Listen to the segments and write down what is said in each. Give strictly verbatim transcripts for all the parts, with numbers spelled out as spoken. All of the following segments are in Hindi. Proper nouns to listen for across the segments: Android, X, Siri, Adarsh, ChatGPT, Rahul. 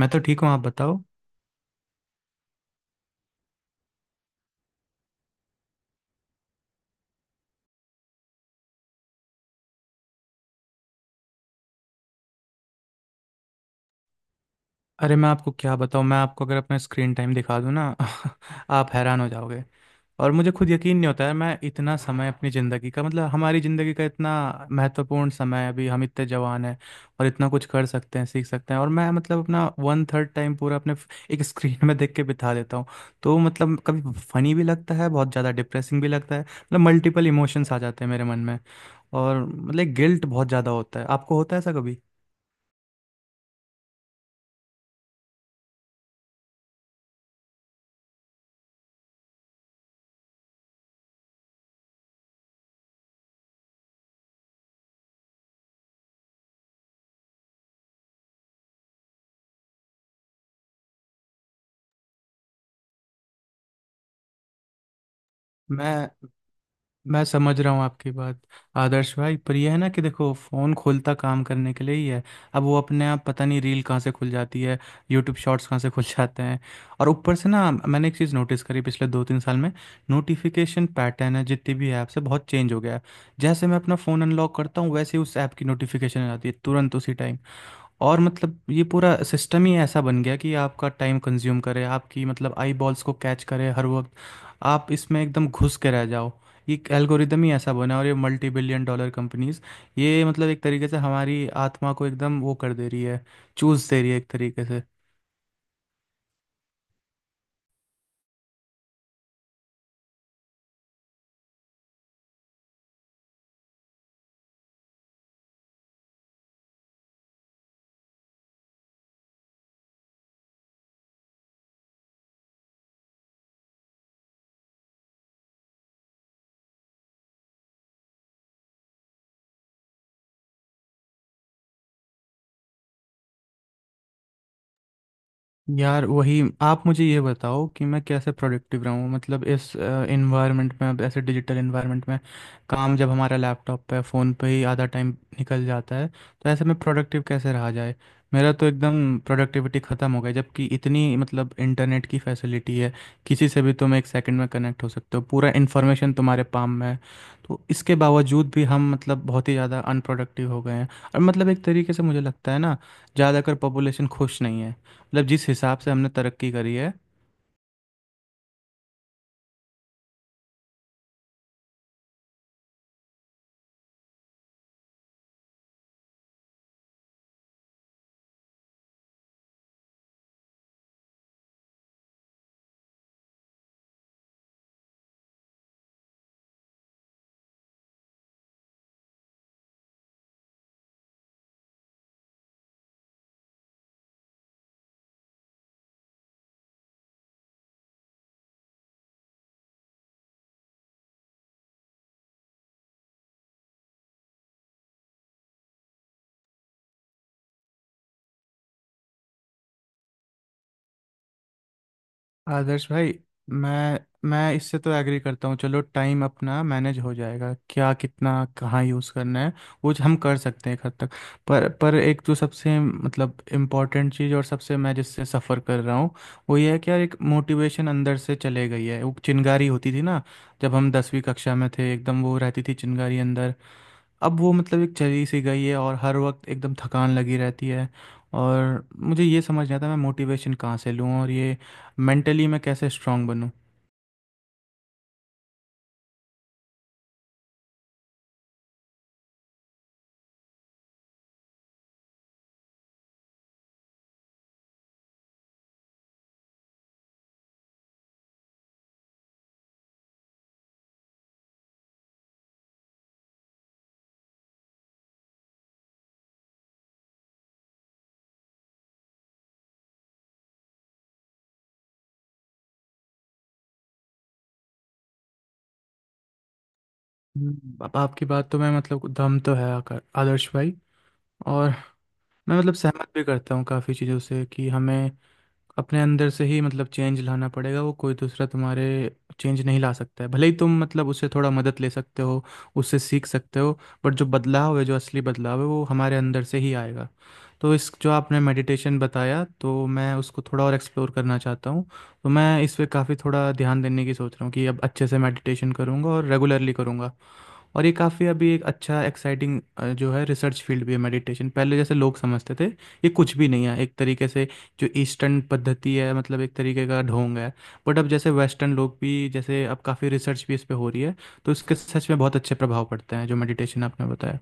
मैं तो ठीक हूँ, आप बताओ। अरे मैं आपको क्या बताऊँ, मैं आपको अगर अपना स्क्रीन टाइम दिखा दूँ ना आप हैरान हो जाओगे। और मुझे खुद यकीन नहीं होता है, मैं इतना समय अपनी ज़िंदगी का मतलब हमारी ज़िंदगी का इतना महत्वपूर्ण समय है, अभी हम इतने जवान हैं और इतना कुछ कर सकते हैं, सीख सकते हैं, और मैं मतलब अपना वन थर्ड टाइम पूरा अपने फ- एक स्क्रीन में देख के बिता देता हूँ। तो मतलब कभी फनी भी लगता है, बहुत ज़्यादा डिप्रेसिंग भी लगता है, मतलब मल्टीपल इमोशंस आ जाते हैं मेरे मन में। और मतलब गिल्ट बहुत ज़्यादा होता है, आपको होता है ऐसा कभी? मैं मैं समझ रहा हूँ आपकी बात, आदर्श भाई। पर यह है ना कि देखो फ़ोन खोलता काम करने के लिए ही है। अब वो अपने आप पता नहीं रील कहाँ से खुल जाती है, यूट्यूब शॉर्ट्स कहाँ से खुल जाते हैं। और ऊपर से ना मैंने एक चीज़ नोटिस करी पिछले दो तीन साल में, नोटिफिकेशन पैटर्न है जितनी भी ऐप्स है बहुत चेंज हो गया है। जैसे मैं अपना फ़ोन अनलॉक करता हूँ वैसे ही उस ऐप की नोटिफिकेशन आ जाती है तुरंत उसी टाइम। और मतलब ये पूरा सिस्टम ही ऐसा बन गया कि आपका टाइम कंज्यूम करे, आपकी मतलब आई बॉल्स को कैच करे हर वक्त, आप इसमें एकदम घुस के रह जाओ। ये एल्गोरिदम ही ऐसा बना है, और ये मल्टी बिलियन डॉलर कंपनीज, ये मतलब एक तरीके से हमारी आत्मा को एकदम वो कर दे रही है, चूस दे रही है एक तरीके से। यार वही आप मुझे ये बताओ कि मैं कैसे प्रोडक्टिव रहूँ मतलब इस एनवायरनमेंट में, अब ऐसे डिजिटल एनवायरनमेंट में, काम जब हमारा लैपटॉप पे फ़ोन पे ही आधा टाइम निकल जाता है, तो ऐसे में प्रोडक्टिव कैसे रहा जाए? मेरा तो एकदम प्रोडक्टिविटी ख़त्म हो गई, जबकि इतनी मतलब इंटरनेट की फैसिलिटी है, किसी से भी तुम एक सेकंड में कनेक्ट हो सकते हो, पूरा इन्फॉर्मेशन तुम्हारे पाम में है। तो इसके बावजूद भी हम मतलब बहुत ही ज़्यादा अनप्रोडक्टिव हो गए हैं। और मतलब एक तरीके से मुझे लगता है ना, ज़्यादातर पॉपुलेशन खुश नहीं है, मतलब जिस हिसाब से हमने तरक्की करी है। आदर्श भाई, मैं मैं इससे तो एग्री करता हूँ, चलो टाइम अपना मैनेज हो जाएगा, क्या कितना कहाँ यूज़ करना है वो हम कर सकते हैं एक हद तक। पर पर एक जो सबसे मतलब इम्पोर्टेंट चीज़ और सबसे मैं जिससे सफ़र कर रहा हूँ वो ये है कि यार एक मोटिवेशन अंदर से चले गई है, वो चिंगारी होती थी ना, जब हम दसवीं कक्षा में थे एकदम वो रहती थी चिंगारी अंदर। अब वो मतलब एक चली सी गई है और हर वक्त एकदम थकान लगी रहती है। और मुझे ये समझ नहीं आता मैं मोटिवेशन कहाँ से लूँ और ये मेंटली मैं कैसे स्ट्रांग बनूँ? हम्म, अब आपकी बात तो मैं मतलब दम तो है आकर- आदर्श भाई। और मैं मतलब सहमत भी करता हूँ काफ़ी चीज़ों से कि हमें अपने अंदर से ही मतलब चेंज लाना पड़ेगा, वो कोई दूसरा तुम्हारे चेंज नहीं ला सकता है, भले ही तुम मतलब उससे थोड़ा मदद ले सकते हो, उससे सीख सकते हो। बट जो बदलाव है जो असली बदलाव है वो हमारे अंदर से ही आएगा। तो इस जो आपने मेडिटेशन बताया तो मैं उसको थोड़ा और एक्सप्लोर करना चाहता हूँ। तो मैं इस पे काफ़ी थोड़ा ध्यान देने की सोच रहा हूँ कि अब अच्छे से मेडिटेशन करूँगा और रेगुलरली करूँगा। और ये काफ़ी अभी एक अच्छा एक्साइटिंग जो है रिसर्च फील्ड भी है मेडिटेशन, पहले जैसे लोग समझते थे ये कुछ भी नहीं है एक तरीके से, जो ईस्टर्न पद्धति है मतलब एक तरीके का ढोंग है। बट अब जैसे वेस्टर्न लोग भी, जैसे अब काफ़ी रिसर्च भी इस पे हो रही है, तो इसके सच में बहुत अच्छे प्रभाव पड़ते हैं जो मेडिटेशन आपने बताया।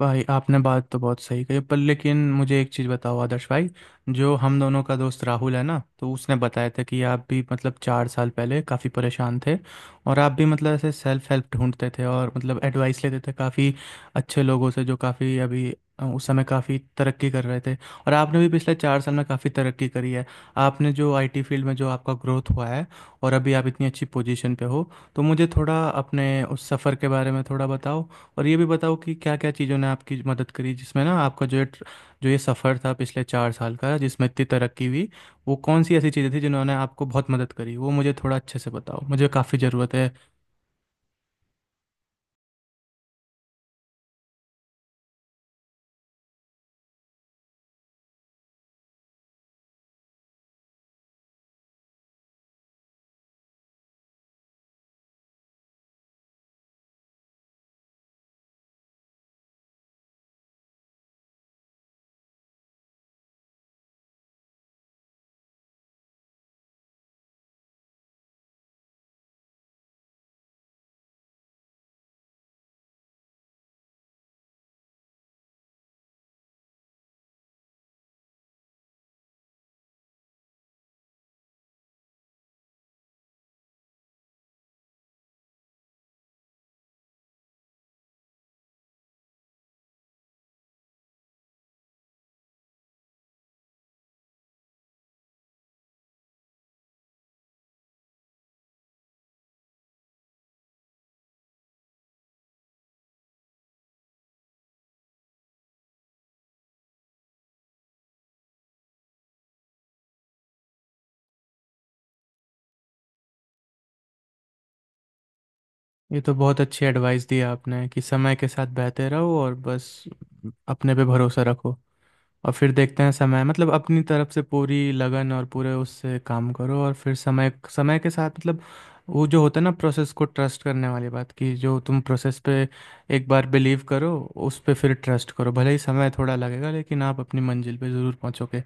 भाई आपने बात तो बहुत सही कही, पर लेकिन मुझे एक चीज़ बताओ आदर्श भाई, जो हम दोनों का दोस्त राहुल है ना, तो उसने बताया था कि आप भी मतलब चार साल पहले काफ़ी परेशान थे और आप भी मतलब ऐसे सेल्फ हेल्प ढूंढते थे और मतलब एडवाइस लेते थे काफ़ी अच्छे लोगों से जो काफ़ी अभी अ, उस समय काफ़ी तरक्की कर रहे थे। और आपने भी पिछले चार साल में काफ़ी तरक्की करी है, आपने जो आईटी फील्ड में जो आपका ग्रोथ हुआ है और अभी आप इतनी अच्छी पोजीशन पे हो, तो मुझे थोड़ा अपने उस सफ़र के बारे में थोड़ा बताओ। और ये भी बताओ कि क्या क्या चीज़ों ने आपकी मदद करी, जिसमें ना आपका जो ये ट्र- जो ये सफ़र था पिछले चार साल का जिसमें इतनी तरक्की हुई, वो कौन सी ऐसी चीज़ें थी जिन्होंने आपको बहुत मदद करी, वो मुझे थोड़ा अच्छे से बताओ, मुझे काफ़ी ज़रूरत है। ये तो बहुत अच्छी एडवाइस दी आपने कि समय के साथ बहते रहो और बस अपने पे भरोसा रखो, और फिर देखते हैं समय मतलब अपनी तरफ से पूरी लगन और पूरे उससे काम करो और फिर समय समय के साथ मतलब वो जो होता है ना प्रोसेस को ट्रस्ट करने वाली बात, कि जो तुम प्रोसेस पे एक बार बिलीव करो, उस पे फिर ट्रस्ट करो, भले ही समय थोड़ा लगेगा लेकिन आप अपनी मंजिल पे ज़रूर पहुंचोगे।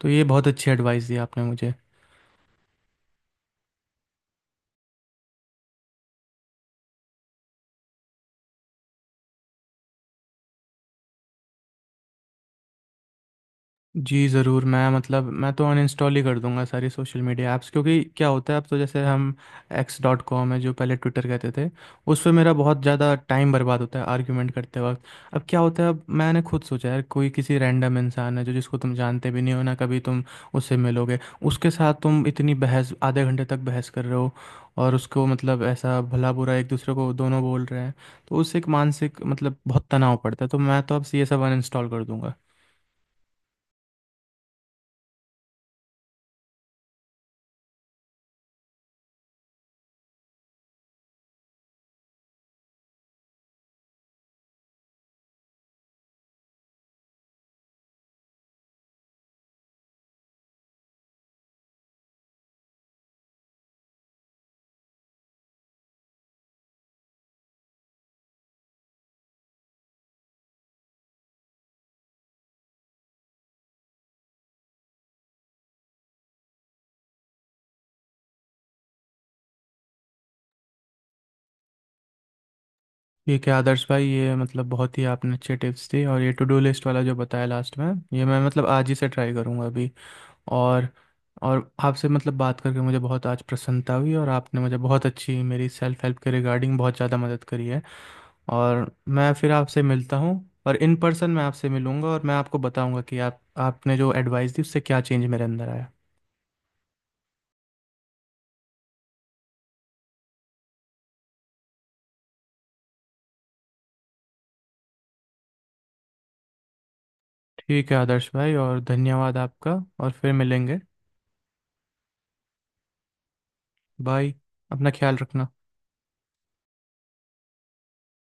तो ये बहुत अच्छी एडवाइस दी आपने मुझे। जी, ज़रूर। मैं मतलब मैं तो अनइंस्टॉल ही कर दूँगा सारी सोशल मीडिया ऐप्स, क्योंकि क्या होता है, अब तो जैसे हम एक्स डॉट कॉम है जो पहले ट्विटर कहते थे, उस पे मेरा बहुत ज़्यादा टाइम बर्बाद होता है आर्ग्यूमेंट करते वक़्त। अब क्या होता है, अब मैंने खुद सोचा है, कोई किसी रैंडम इंसान है जो जिसको तुम जानते भी नहीं हो, ना कभी तुम उससे मिलोगे, उसके साथ तुम इतनी बहस आधे घंटे तक बहस कर रहे हो और उसको मतलब ऐसा भला-बुरा एक दूसरे को दोनों बोल रहे हैं, तो उससे एक मानसिक मतलब बहुत तनाव पड़ता है। तो मैं तो अब से ये सब अनइंस्टॉल कर दूँगा। ठीक है आदर्श भाई, ये मतलब बहुत ही आपने अच्छे टिप्स दी और ये टू डू लिस्ट वाला जो बताया लास्ट में, ये मैं मतलब आज ही से ट्राई करूँगा अभी। और और आपसे मतलब बात करके मुझे बहुत आज प्रसन्नता हुई और आपने मुझे बहुत अच्छी मेरी सेल्फ हेल्प के रिगार्डिंग बहुत ज़्यादा मदद करी है। और मैं फिर आपसे मिलता हूँ और इन पर्सन मैं आपसे मिलूंगा और मैं आपको बताऊंगा कि आप आपने जो एडवाइस दी उससे क्या चेंज मेरे अंदर आया। ठीक है आदर्श भाई, और धन्यवाद आपका, और फिर मिलेंगे। बाय, अपना ख्याल रखना।